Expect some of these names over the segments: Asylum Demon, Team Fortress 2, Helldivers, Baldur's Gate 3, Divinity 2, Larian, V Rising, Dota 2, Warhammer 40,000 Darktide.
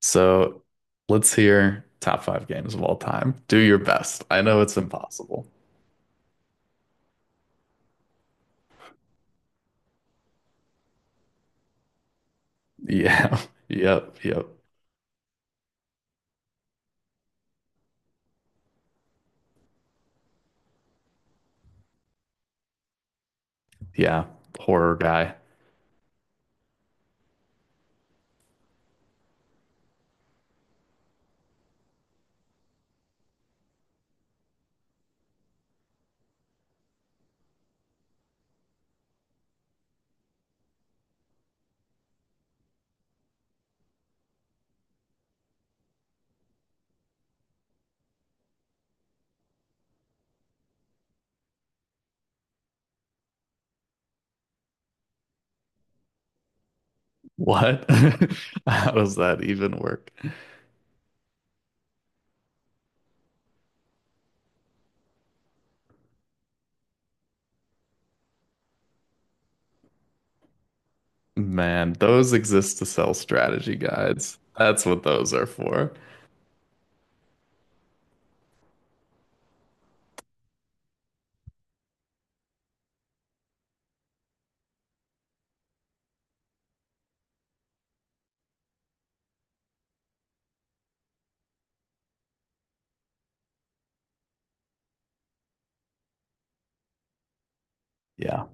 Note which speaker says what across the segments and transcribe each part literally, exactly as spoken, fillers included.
Speaker 1: So let's hear top five games of all time. Do your best. I know it's impossible. Yeah. Yep. Yep. Yeah. Horror guy. What? How does that even work? Man, those exist to sell strategy guides. That's what those are for. Yeah.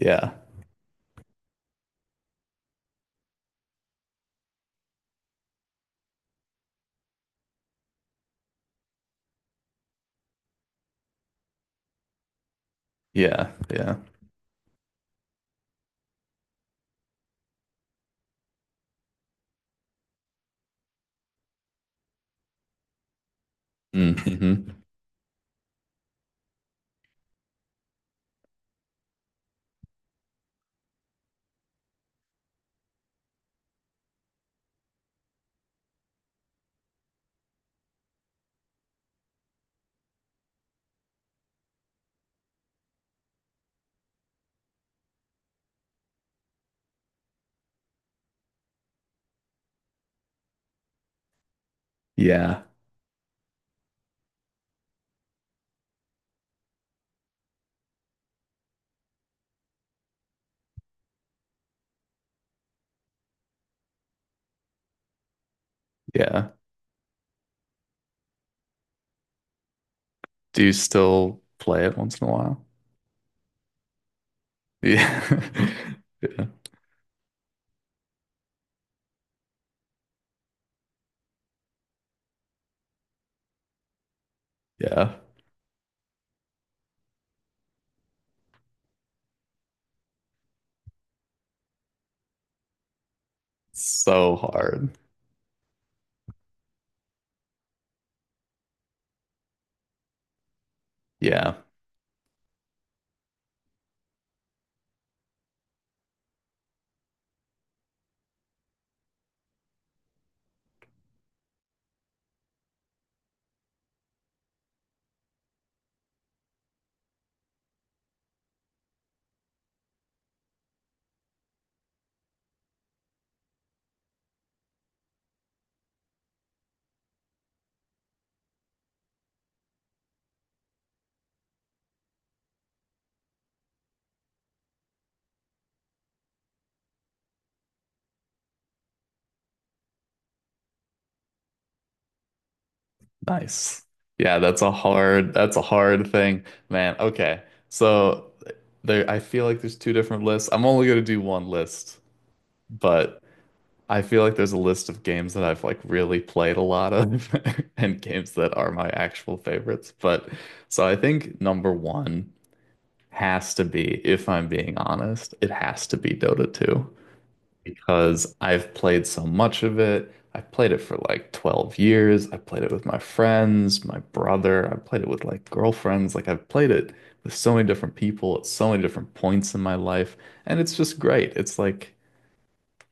Speaker 1: Yeah. Yeah. Yeah. Hmm. Yeah. Yeah. Do you still play it once in a while? Yeah. Yeah. Yeah. So hard. Yeah. Nice. Yeah, that's a hard that's a hard thing, man. Okay. So there I feel like there's two different lists. I'm only gonna do one list, but I feel like there's a list of games that I've like really played a lot of, and games that are my actual favorites. But so I think number one has to be, if I'm being honest, it has to be Dota two, because I've played so much of it. I've played it for like twelve years. I played it with my friends, my brother. I played it with like girlfriends. Like, I've played it with so many different people at so many different points in my life. And it's just great. It's like,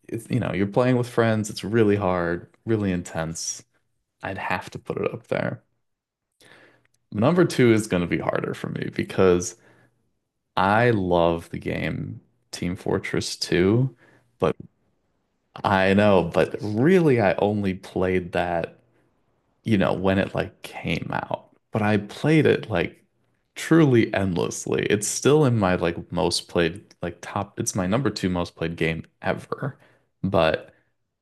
Speaker 1: it's, you know, you're playing with friends. It's really hard, really intense. I'd have to put it up there. Number two is going to be harder for me, because I love the game Team Fortress two, but I know, but really I only played that, you know, when it like came out. But I played it like truly endlessly. It's still in my like most played like top, it's my number two most played game ever. But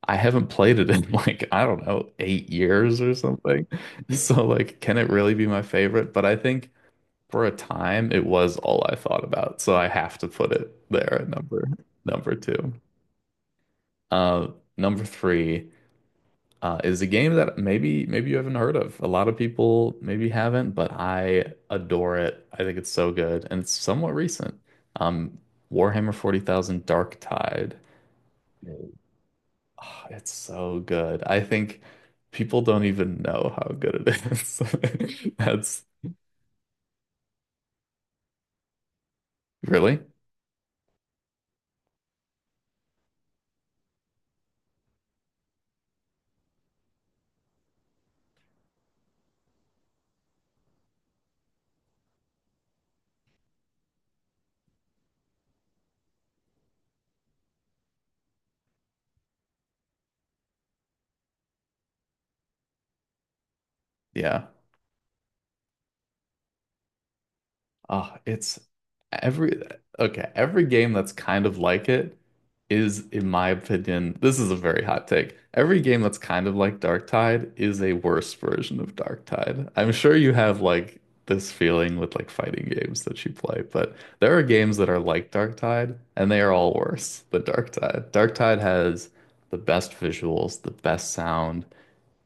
Speaker 1: I haven't played it in like, I don't know, eight years or something. So like, can it really be my favorite? But I think for a time it was all I thought about. So I have to put it there at number number two. Uh, number three uh, is a game that maybe maybe you haven't heard of. A lot of people maybe haven't, but I adore it. I think it's so good, and it's somewhat recent. Um, Warhammer forty thousand Darktide. Mm. Ah, it's so good. I think people don't even know how good it is. That's Really? Yeah. Oh, it's every okay, every game that's kind of like it is, in my opinion, this is a very hot take. Every game that's kind of like Darktide is a worse version of Darktide. I'm sure you have like this feeling with like fighting games that you play, but there are games that are like Darktide, and they are all worse than Darktide. Darktide has the best visuals, the best sound,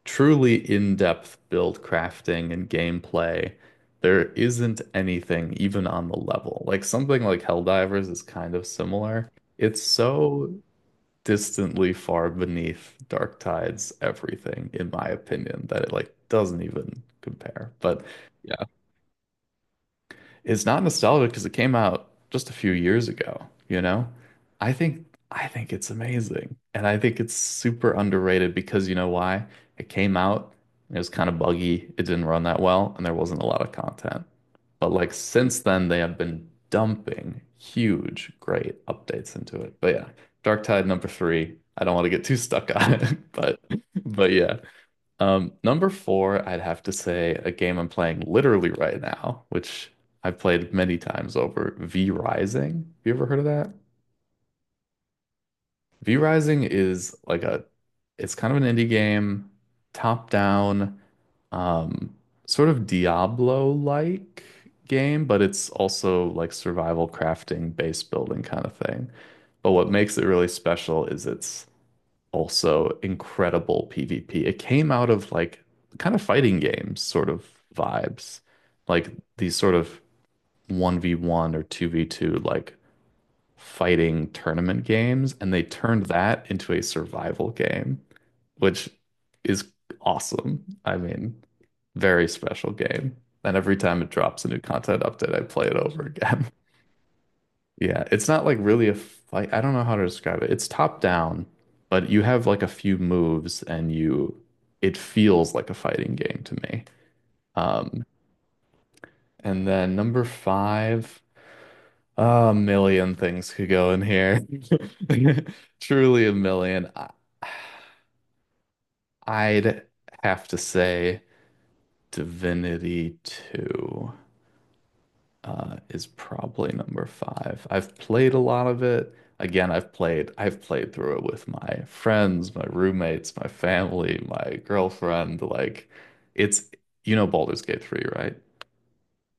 Speaker 1: truly in-depth build crafting and gameplay. There isn't anything even on the level. Like, something like Helldivers is kind of similar. It's so distantly far beneath Darktide's everything, in my opinion, that it like doesn't even compare. But yeah, it's not nostalgic, because it came out just a few years ago, you know? I think I think it's amazing. And I think it's super underrated, because you know why? It came out, it was kind of buggy, it didn't run that well, and there wasn't a lot of content. But like, since then they have been dumping huge, great updates into it. But yeah, Dark Tide number three. I don't want to get too stuck on it, but but yeah. Um, number four, I'd have to say a game I'm playing literally right now, which I've played many times over, V Rising. Have you ever heard of that? V Rising is like a, it's kind of an indie game, top down, um, sort of Diablo-like game, but it's also like survival crafting, base building kind of thing. But what makes it really special is it's also incredible P v P. It came out of like kind of fighting games sort of vibes, like these sort of one v one or two v two like fighting tournament games, and they turned that into a survival game, which is awesome. I mean, very special game. And every time it drops a new content update, I play it over again. Yeah, it's not like really a fight. I don't know how to describe it. It's top down, but you have like a few moves, and you it feels like a fighting game to me. Um, and then number five, a million things could go in here. Truly a million. I- I'd have to say Divinity two, uh, is probably number five. I've played a lot of it. Again, I've played I've played through it with my friends, my roommates, my family, my girlfriend. Like, it's you know Baldur's Gate three, right?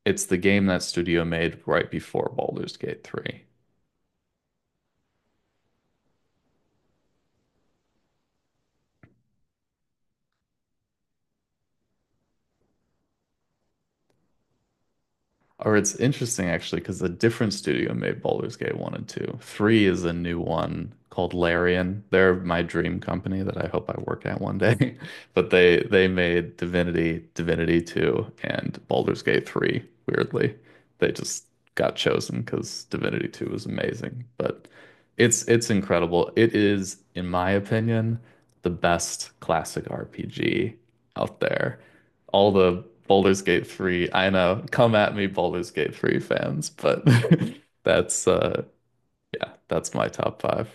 Speaker 1: It's the game that studio made right before Baldur's Gate three. Or, it's interesting actually, because a different studio made Baldur's Gate one and two. three is a new one called Larian. They're my dream company that I hope I work at one day. But they they made Divinity, Divinity two, and Baldur's Gate three, weirdly. They just got chosen because Divinity two was amazing. But it's it's incredible. It is, in my opinion, the best classic R P G out there, all the Baldur's Gate three. I know, come at me, Baldur's Gate three fans, but that's uh yeah, that's my top five.